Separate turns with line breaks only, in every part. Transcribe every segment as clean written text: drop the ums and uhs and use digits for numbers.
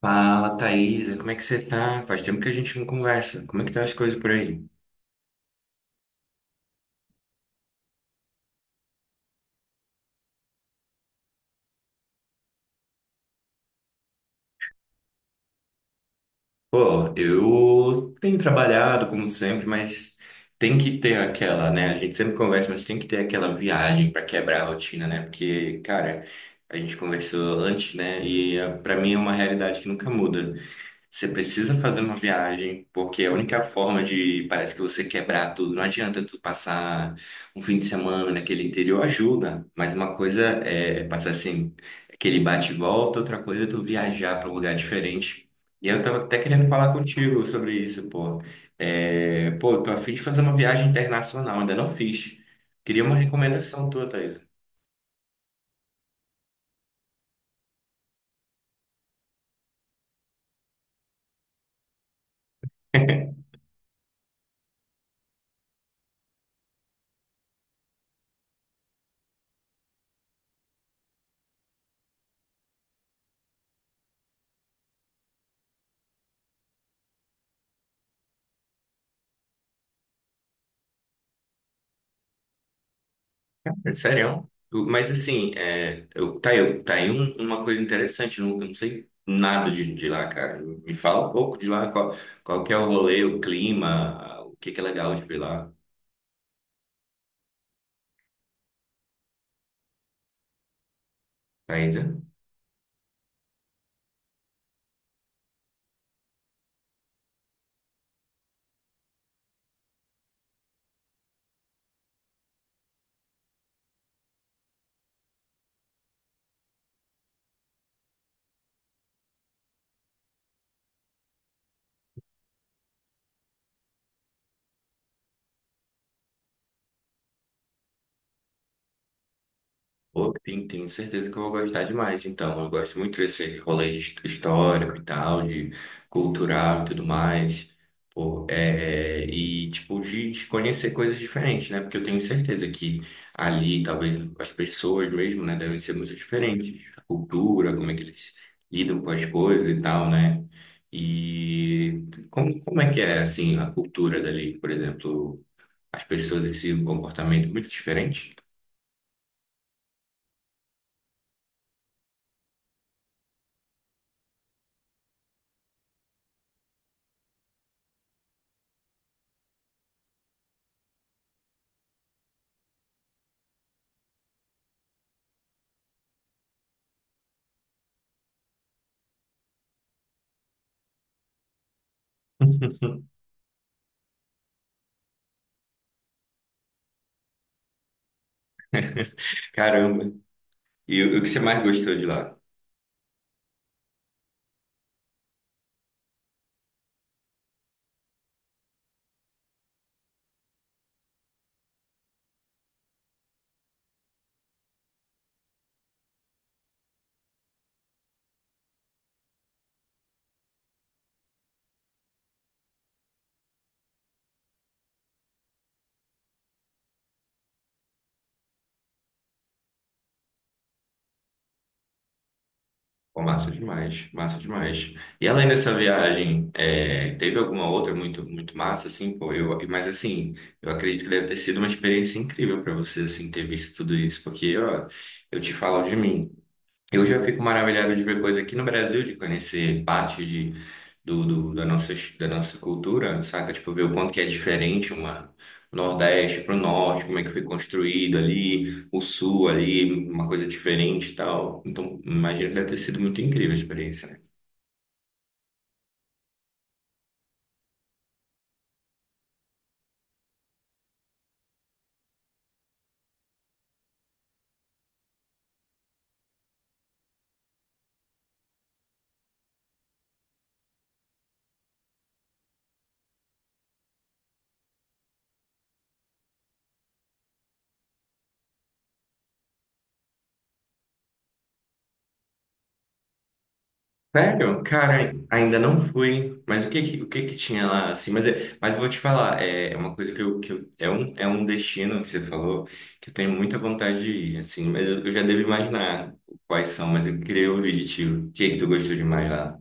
Fala, Thaisa, como é que você tá? Faz tempo que a gente não conversa. Como é que tá as coisas por aí? Pô, eu tenho trabalhado como sempre, mas tem que ter aquela, né? A gente sempre conversa, mas tem que ter aquela viagem pra quebrar a rotina, né? Porque, cara, a gente conversou antes, né? E pra mim é uma realidade que nunca muda. Você precisa fazer uma viagem, porque é a única forma de, parece que você quebrar tudo. Não adianta tu passar um fim de semana naquele interior, ajuda, mas uma coisa é passar assim, aquele bate e volta, outra coisa é tu viajar para um lugar diferente. E eu tava até querendo falar contigo sobre isso, pô. É, pô, eu tô a fim de fazer uma viagem internacional, ainda não fiz. Queria uma recomendação tua, Thaís. É sério. Mas assim, é, eu, tá, tá aí uma coisa interessante, eu não sei nada de lá, cara. Me fala um pouco de lá, qual, qual que é o rolê, o clima, o que que é legal de ver lá, Thaisa. Pô, tem, tenho certeza que eu vou gostar demais, então. Eu gosto muito desse rolê histórico e tal, de cultural e tudo mais. Pô, é, e, tipo, de conhecer coisas diferentes, né? Porque eu tenho certeza que ali, talvez, as pessoas mesmo, né, devem ser muito diferentes. A cultura, como é que eles lidam com as coisas e tal, né? E como, como é que é, assim, a cultura dali, por exemplo, as pessoas em si, um comportamento muito diferente? Caramba. E o que você mais gostou de lá? Pô, massa demais, massa demais. E além dessa viagem, é, teve alguma outra muito, muito massa, assim, pô, eu, mas assim, eu acredito que deve ter sido uma experiência incrível para você, assim, ter visto tudo isso, porque, ó, eu te falo de mim. Eu já fico maravilhado de ver coisa aqui no Brasil, de conhecer parte de, do, do- da nossa, da nossa cultura, saca? Tipo, ver o quanto que é diferente uma o Nordeste para o Norte, como é que foi construído ali, o Sul ali, uma coisa diferente e tal. Então, imagino que deve ter sido muito incrível a experiência, né? Sério? Cara, ainda não fui. Mas o que que tinha lá, assim? Mas, mas eu vou te falar, é uma coisa é um destino que você falou que eu tenho muita vontade de ir, assim. Mas eu já devo imaginar quais são, mas eu queria ouvir de ti. O que que tu gostou demais lá?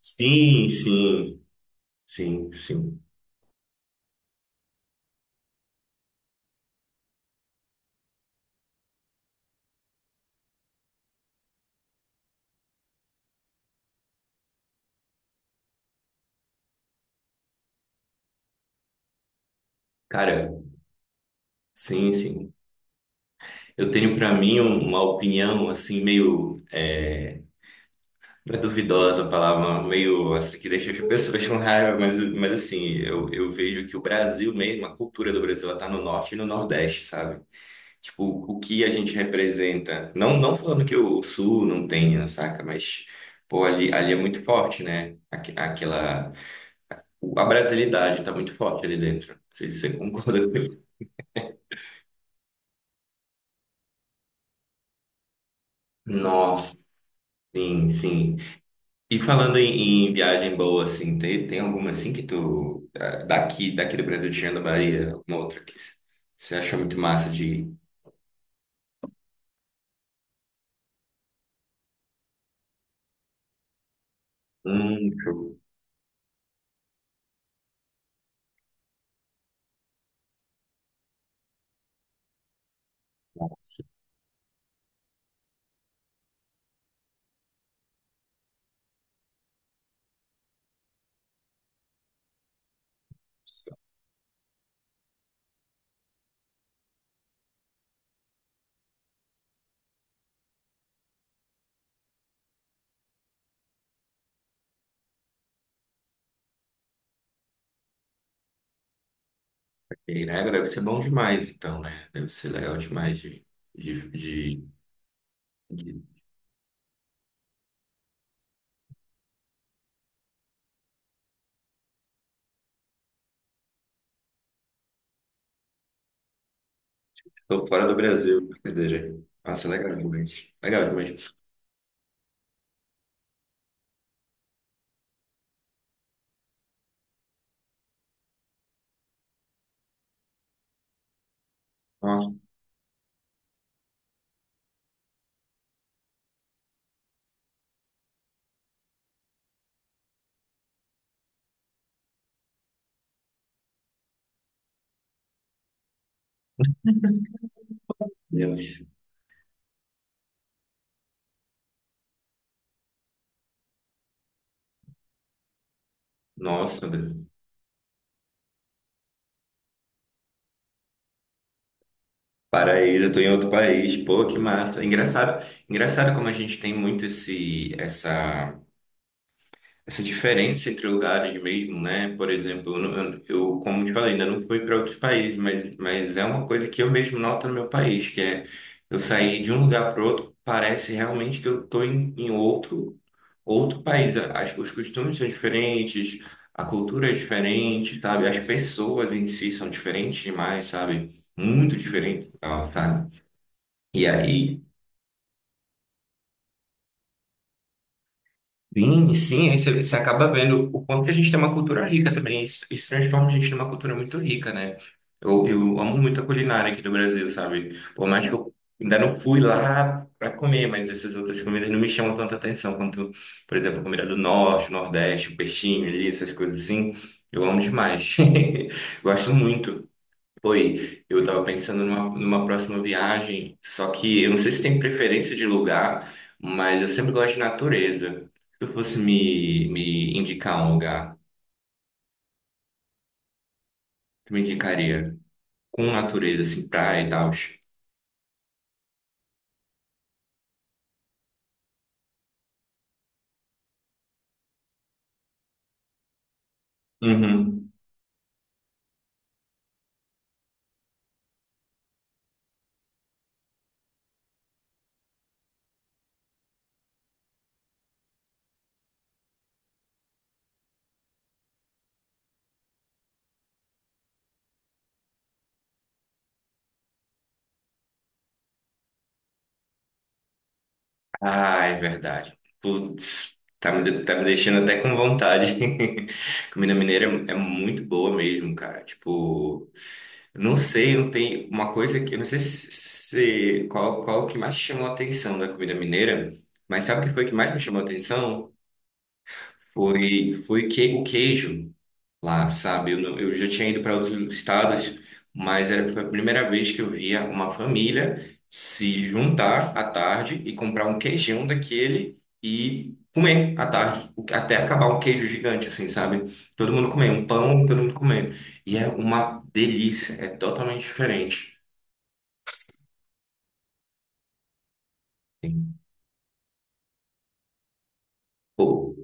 Sim, sim, sim, sim. Cara, sim, sim. Eu tenho pra mim uma opinião assim meio é, é duvidosa a palavra, meio assim, que deixa as pessoas com raiva, mas assim, eu vejo que o Brasil mesmo, a cultura do Brasil, ela tá no norte e no nordeste, sabe? Tipo, o que a gente representa, não, não falando que o sul não tenha, saca? Mas, pô, ali, ali é muito forte, né? Aquela... A brasilidade tá muito forte ali dentro. Não sei se você concorda com isso. Nossa, sim, sim. E falando em, em viagem boa, assim, tem, tem alguma assim que tu, ah, daqui, daqui do Brasil, tirando a Bahia, alguma outra que você achou muito massa de ir? Show. Nossa, ok, né? Deve ser bom demais, então, né? Deve ser legal demais de, de, de... Tô fora do Brasil, brincadeira. Nossa, legal demais. Legal demais. Nossa, Deus. Nossa, Deus. Paraíso, eu tô em outro país. Pô, que massa. Engraçado, engraçado como a gente tem muito essa essa diferença entre lugares mesmo, né? Por exemplo, eu, não- eu, como te falei, ainda não fui para outros países, mas é uma coisa que eu mesmo noto no meu país, que é eu sair de um lugar para outro, parece realmente que eu estou em outro, outro país. Os costumes são diferentes, a cultura é diferente, sabe? As pessoas em si são diferentes demais, sabe? Muito diferentes, e tal, sabe? E aí sim, sim, aí você, você acaba vendo o quanto que a gente tem uma cultura rica também. Isso transforma a gente numa cultura muito rica, né? Eu amo muito a culinária aqui do Brasil, sabe? Por mais que eu ainda não fui lá para comer, mas essas outras comidas não me chamam tanta atenção quanto, por exemplo, a comida do Norte, Nordeste, o peixinho ali, essas coisas assim. Eu amo demais. Gosto muito. Foi, eu tava pensando numa, numa próxima viagem, só que eu não sei se tem preferência de lugar, mas eu sempre gosto de natureza. Se tu fosse me indicar um lugar, tu me indicaria com natureza, assim, praia e tal. Uhum. Ah, é verdade. Putz, tá me deixando até com vontade. Comida mineira é muito boa mesmo, cara. Tipo. Não sei, não tem uma coisa que eu não sei qual qual que mais chamou a atenção da comida mineira, mas sabe o que foi que mais me chamou a atenção? Foi que o queijo lá, sabe? Eu, não- eu já tinha ido para outros estados, mas era foi a primeira vez que eu via uma família se juntar à tarde e comprar um queijão daquele e comer à tarde, até acabar um queijo gigante assim, sabe? Todo mundo comer, um pão, todo mundo comendo. E é uma delícia, é totalmente diferente. Sim. Pô,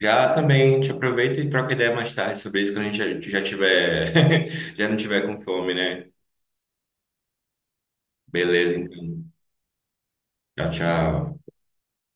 já também te aproveita e troca ideia mais tarde sobre isso quando a gente já tiver, já não tiver com fome, né? Beleza, então. Tchau, tchau.